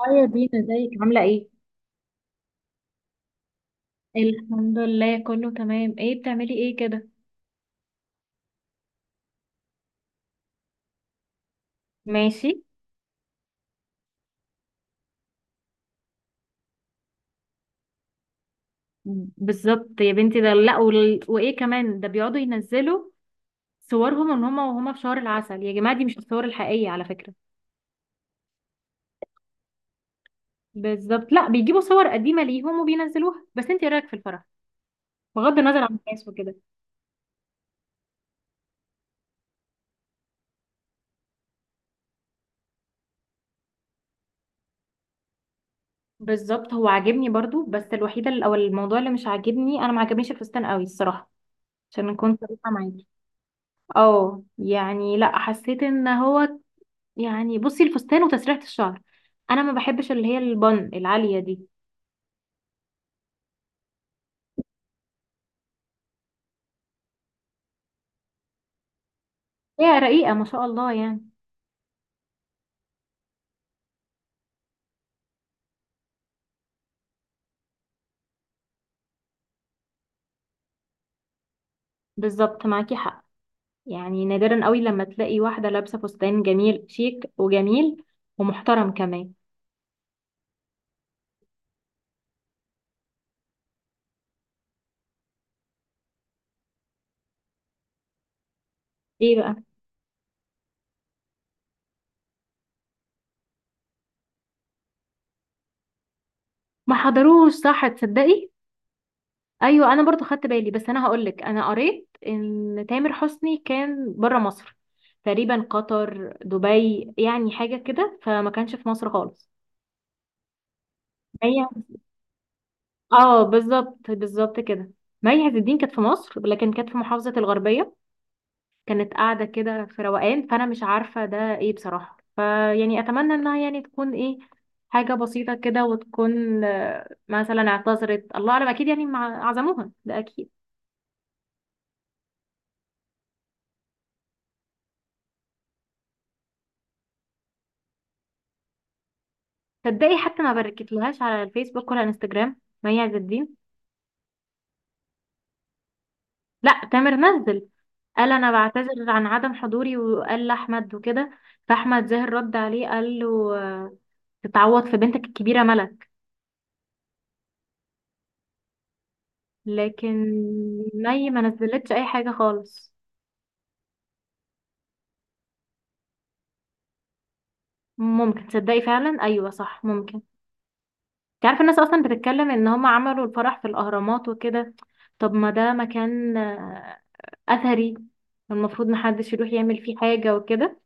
اه يا دينا، ازيك؟ عاملة ايه؟ الحمد لله كله تمام. ايه بتعملي ايه كده؟ ماشي. بالظبط يا بنتي، ده لا وال... وايه كمان، ده بيقعدوا ينزلوا صورهم ان هما وهما في شهر العسل. يا جماعة دي مش الصور الحقيقية على فكرة. بالظبط، لا بيجيبوا صور قديمة ليهم وبينزلوها. بس انت ايه رأيك في الفرح؟ بغض النظر عن الناس وكده. بالظبط، هو عاجبني برضو، بس الوحيدة ال- او الموضوع اللي مش عاجبني، انا ما عجبنيش الفستان قوي الصراحة. عشان كنت صريحة معاكي. اه يعني لا، حسيت ان هو يعني، بصي الفستان وتسريحة الشعر، انا ما بحبش اللي هي البن العالية دي. هي رقيقة ما شاء الله يعني. بالظبط معاكي حق. يعني نادرا قوي لما تلاقي واحدة لابسة فستان جميل شيك وجميل ومحترم كمان. ايه بقى؟ ما حضروش، صح، تصدقي. ايوه انا برضو خدت بالي، بس انا هقولك، انا قريت ان تامر حسني كان بره مصر، تقريبا قطر، دبي، يعني حاجة كده، فما كانش في مصر خالص. هي، اه بالظبط بالظبط كده. مي عز الدين كانت في مصر لكن كانت في محافظة الغربية، كانت قاعدة كده في روقان، فأنا مش عارفة ده ايه بصراحة، فيعني أتمنى إنها يعني تكون ايه، حاجة بسيطة كده، وتكون مثلا اعتذرت، الله أعلم، أكيد يعني عزموها ده أكيد. تصدقي حتى ما بركتلهاش على الفيسبوك ولا انستجرام مي عز الدين. لا، تامر نزل، قال أنا بعتذر عن عدم حضوري، وقال لأحمد وكده، فأحمد زاهر رد عليه، قال له تتعوض في بنتك الكبيرة ملك. لكن مي ما نزلتش اي حاجه خالص. ممكن، تصدقي فعلا، ايوه صح ممكن. انت عارفه الناس اصلا بتتكلم ان هم عملوا الفرح في الاهرامات وكده. طب ما ده مكان اثري، المفروض محدش يروح يعمل فيه حاجه وكده.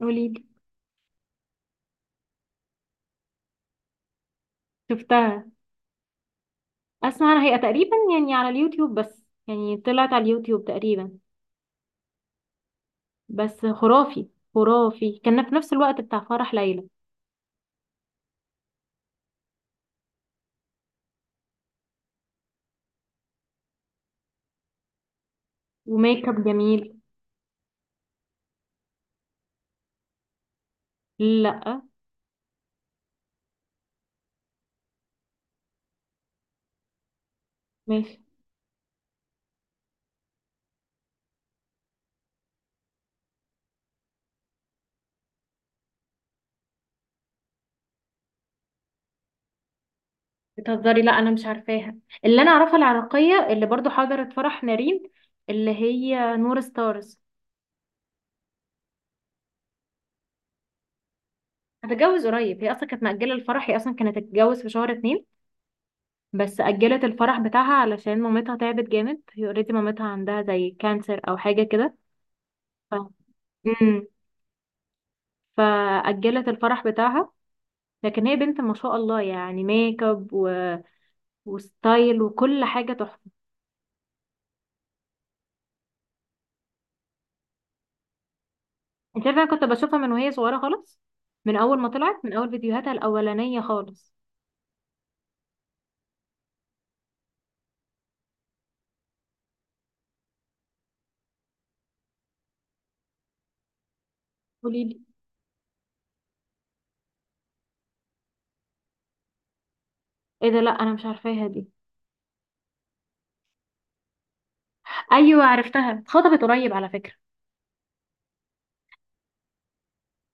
قوليلي. شفتها. اسمع، انا هي تقريبا يعني على اليوتيوب، بس يعني طلعت على اليوتيوب تقريبا. بس خرافي، خرافي، كان في نفس الوقت بتاع فرح ليلى. وميك اب جميل. لا. ماشي. بتهزري؟ لا انا مش عارفاها. اللي انا اعرفها العراقيه اللي برضو حضرت فرح نارين، اللي هي نور ستارز. هتتجوز قريب، هي اصلا كانت مأجله الفرح، هي اصلا كانت هتتجوز في شهر اتنين، بس أجلت الفرح بتاعها علشان مامتها تعبت جامد، هي اوريدي مامتها عندها زي كانسر او حاجه كده. ف... مم. فأجلت الفرح بتاعها. لكن هي بنت ما شاء الله يعني، ميك اب وستايل وكل حاجه تحفه. انت عارفه انا كنت بشوفها من وهي صغيره خالص، من اول ما طلعت، من اول فيديوهاتها الاولانيه خالص. قولي لي. ايه ده، لا انا مش عارفاها دي. ايوه عرفتها، اتخطبت قريب على فكره.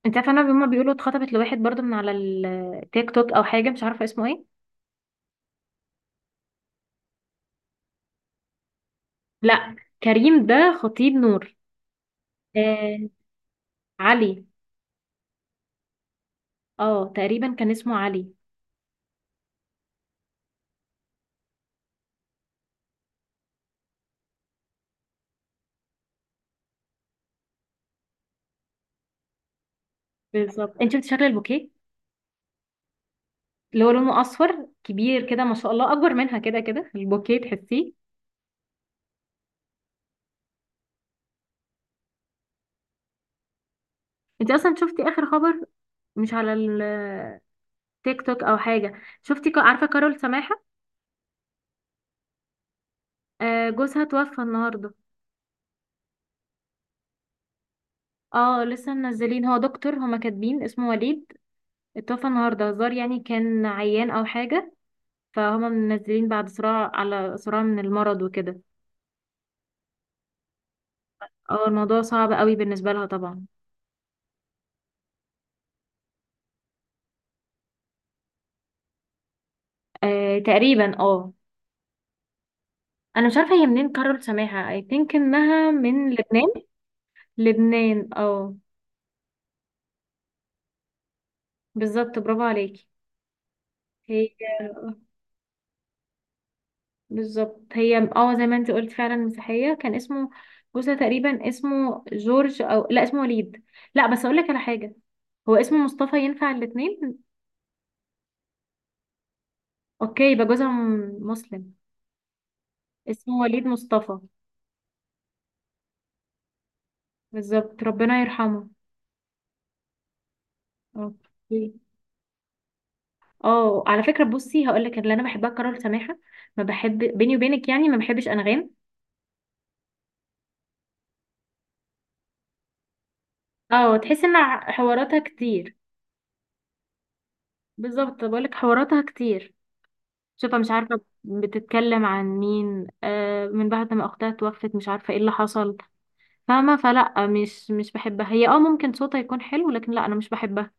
انت عارفه انا، هما بيقولوا اتخطبت لواحد برضو من على التيك توك او حاجه، مش عارفه اسمه ايه. لا، كريم ده خطيب نور. آه، علي. اه تقريبا كان اسمه علي. بالظبط. انت شفت شكل البوكيه اللي هو لونه اصفر كبير كده؟ ما شاء الله اكبر منها كده كده البوكيه، تحسيه. انت اصلا شفتي اخر خبر؟ مش على التيك توك او حاجه؟ شفتي عارفه كارول سماحه؟ آه، جوزها توفى النهارده. اه لسه منزلين، هو دكتور، هما كاتبين اسمه وليد، اتوفى النهارده، هزار يعني كان عيان او حاجه، فهما منزلين بعد صراع على صراع من المرض وكده. اه الموضوع صعب قوي بالنسبه لها طبعا. آه تقريبا اه. انا مش عارفه هي منين، كارول سماحه، اي ثينك انها من لبنان. لبنان اه. بالظبط، برافو عليكي. هي بالظبط، هي اه زي ما انت قلت فعلا مسيحية. كان اسمه بوسة، تقريبا اسمه جورج، او لا اسمه وليد. لا بس اقول لك على حاجة، هو اسمه مصطفى ينفع الاتنين. اوكي يبقى جوزها مسلم. اسمه وليد مصطفى. بالظبط. ربنا يرحمه. اوكي. اه على فكرة، بصي هقول لك، اللي انا بحبها كارول سماحة. ما بحب، بيني وبينك يعني، ما بحبش انغام. اه، تحس ان حواراتها كتير. بالظبط، بقول لك حواراتها كتير. شوفة مش عارفة بتتكلم عن مين، آه، من بعد ما أختها توفت مش عارفة ايه اللي حصل. فاهمة، فلا مش بحبها هي، اه ممكن صوتها يكون حلو لكن لا أنا مش بحبها.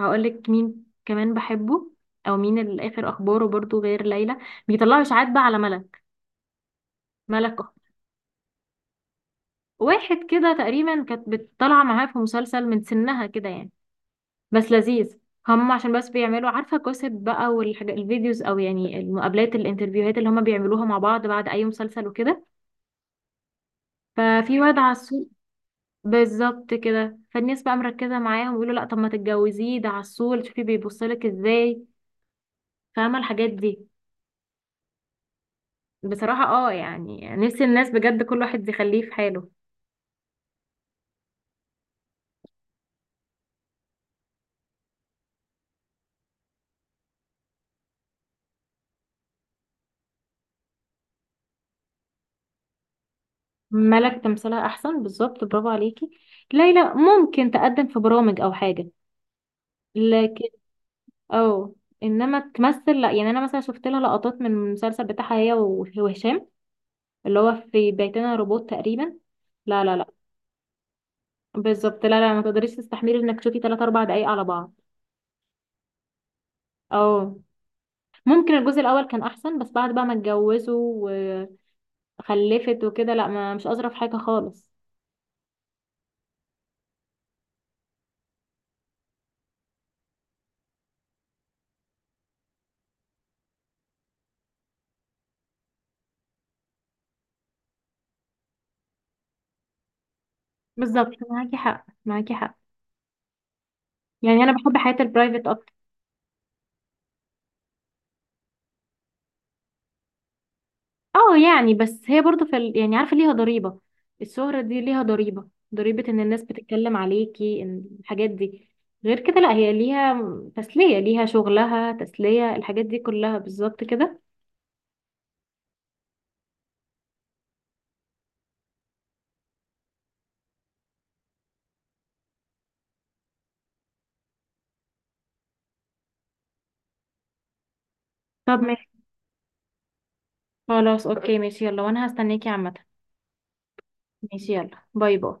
هقولك مين كمان بحبه، أو مين اللي آخر أخباره برضو غير ليلى. بيطلعوا إشاعات بقى على ملك. ملك أخ- واحد كده تقريبا كانت بتطلع معاه في مسلسل من سنها كده يعني، بس لذيذ. هم عشان بس بيعملوا، عارفة، كوسب بقى والحاجات، الفيديوز أو يعني المقابلات، الانترفيوهات اللي هم بيعملوها مع بعض بعد أي مسلسل وكده، ففي واد عسول. بالظبط كده، فالناس بقى مركزة معاهم ويقولوا لا، طب ما تتجوزيه، ده عسول، شوفي بيبصلك ازاي. فاهمة الحاجات دي. بصراحة اه، يعني نفسي الناس بجد كل واحد يخليه في حاله. ملك تمثيلها احسن، بالظبط، برافو عليكي. ليلى ممكن تقدم في برامج او حاجة، لكن اه، انما تمثل لا يعني. انا مثلا شفت لها لقطات من المسلسل بتاعها هي وهشام، اللي هو في بيتنا روبوت تقريبا. لا لا لا. بالظبط، لا لا ما تقدريش تستحملي انك تشوفي 3 4 دقايق على بعض. اه. ممكن الجزء الاول كان احسن، بس بعد بقى ما اتجوزوا وخلفت وكده، لا ما مش اظرف حاجه خالص. بالظبط معاكي حق، معاكي حق. يعني انا بحب حياه البرايفت اكتر. اه يعني، بس هي برضو في ال... يعني عارفه ليها ضريبه، الشهره دي ليها ضريبه، ضريبه ان الناس بتتكلم عليكي ان الحاجات دي. غير كده لا، هي ليها تسليه، ليها شغلها، تسليه، الحاجات دي كلها، بالظبط كده. طب خلاص اوكي ماشي، يلا، وانا هستناكي عامة. ماشي، يلا، باي باي.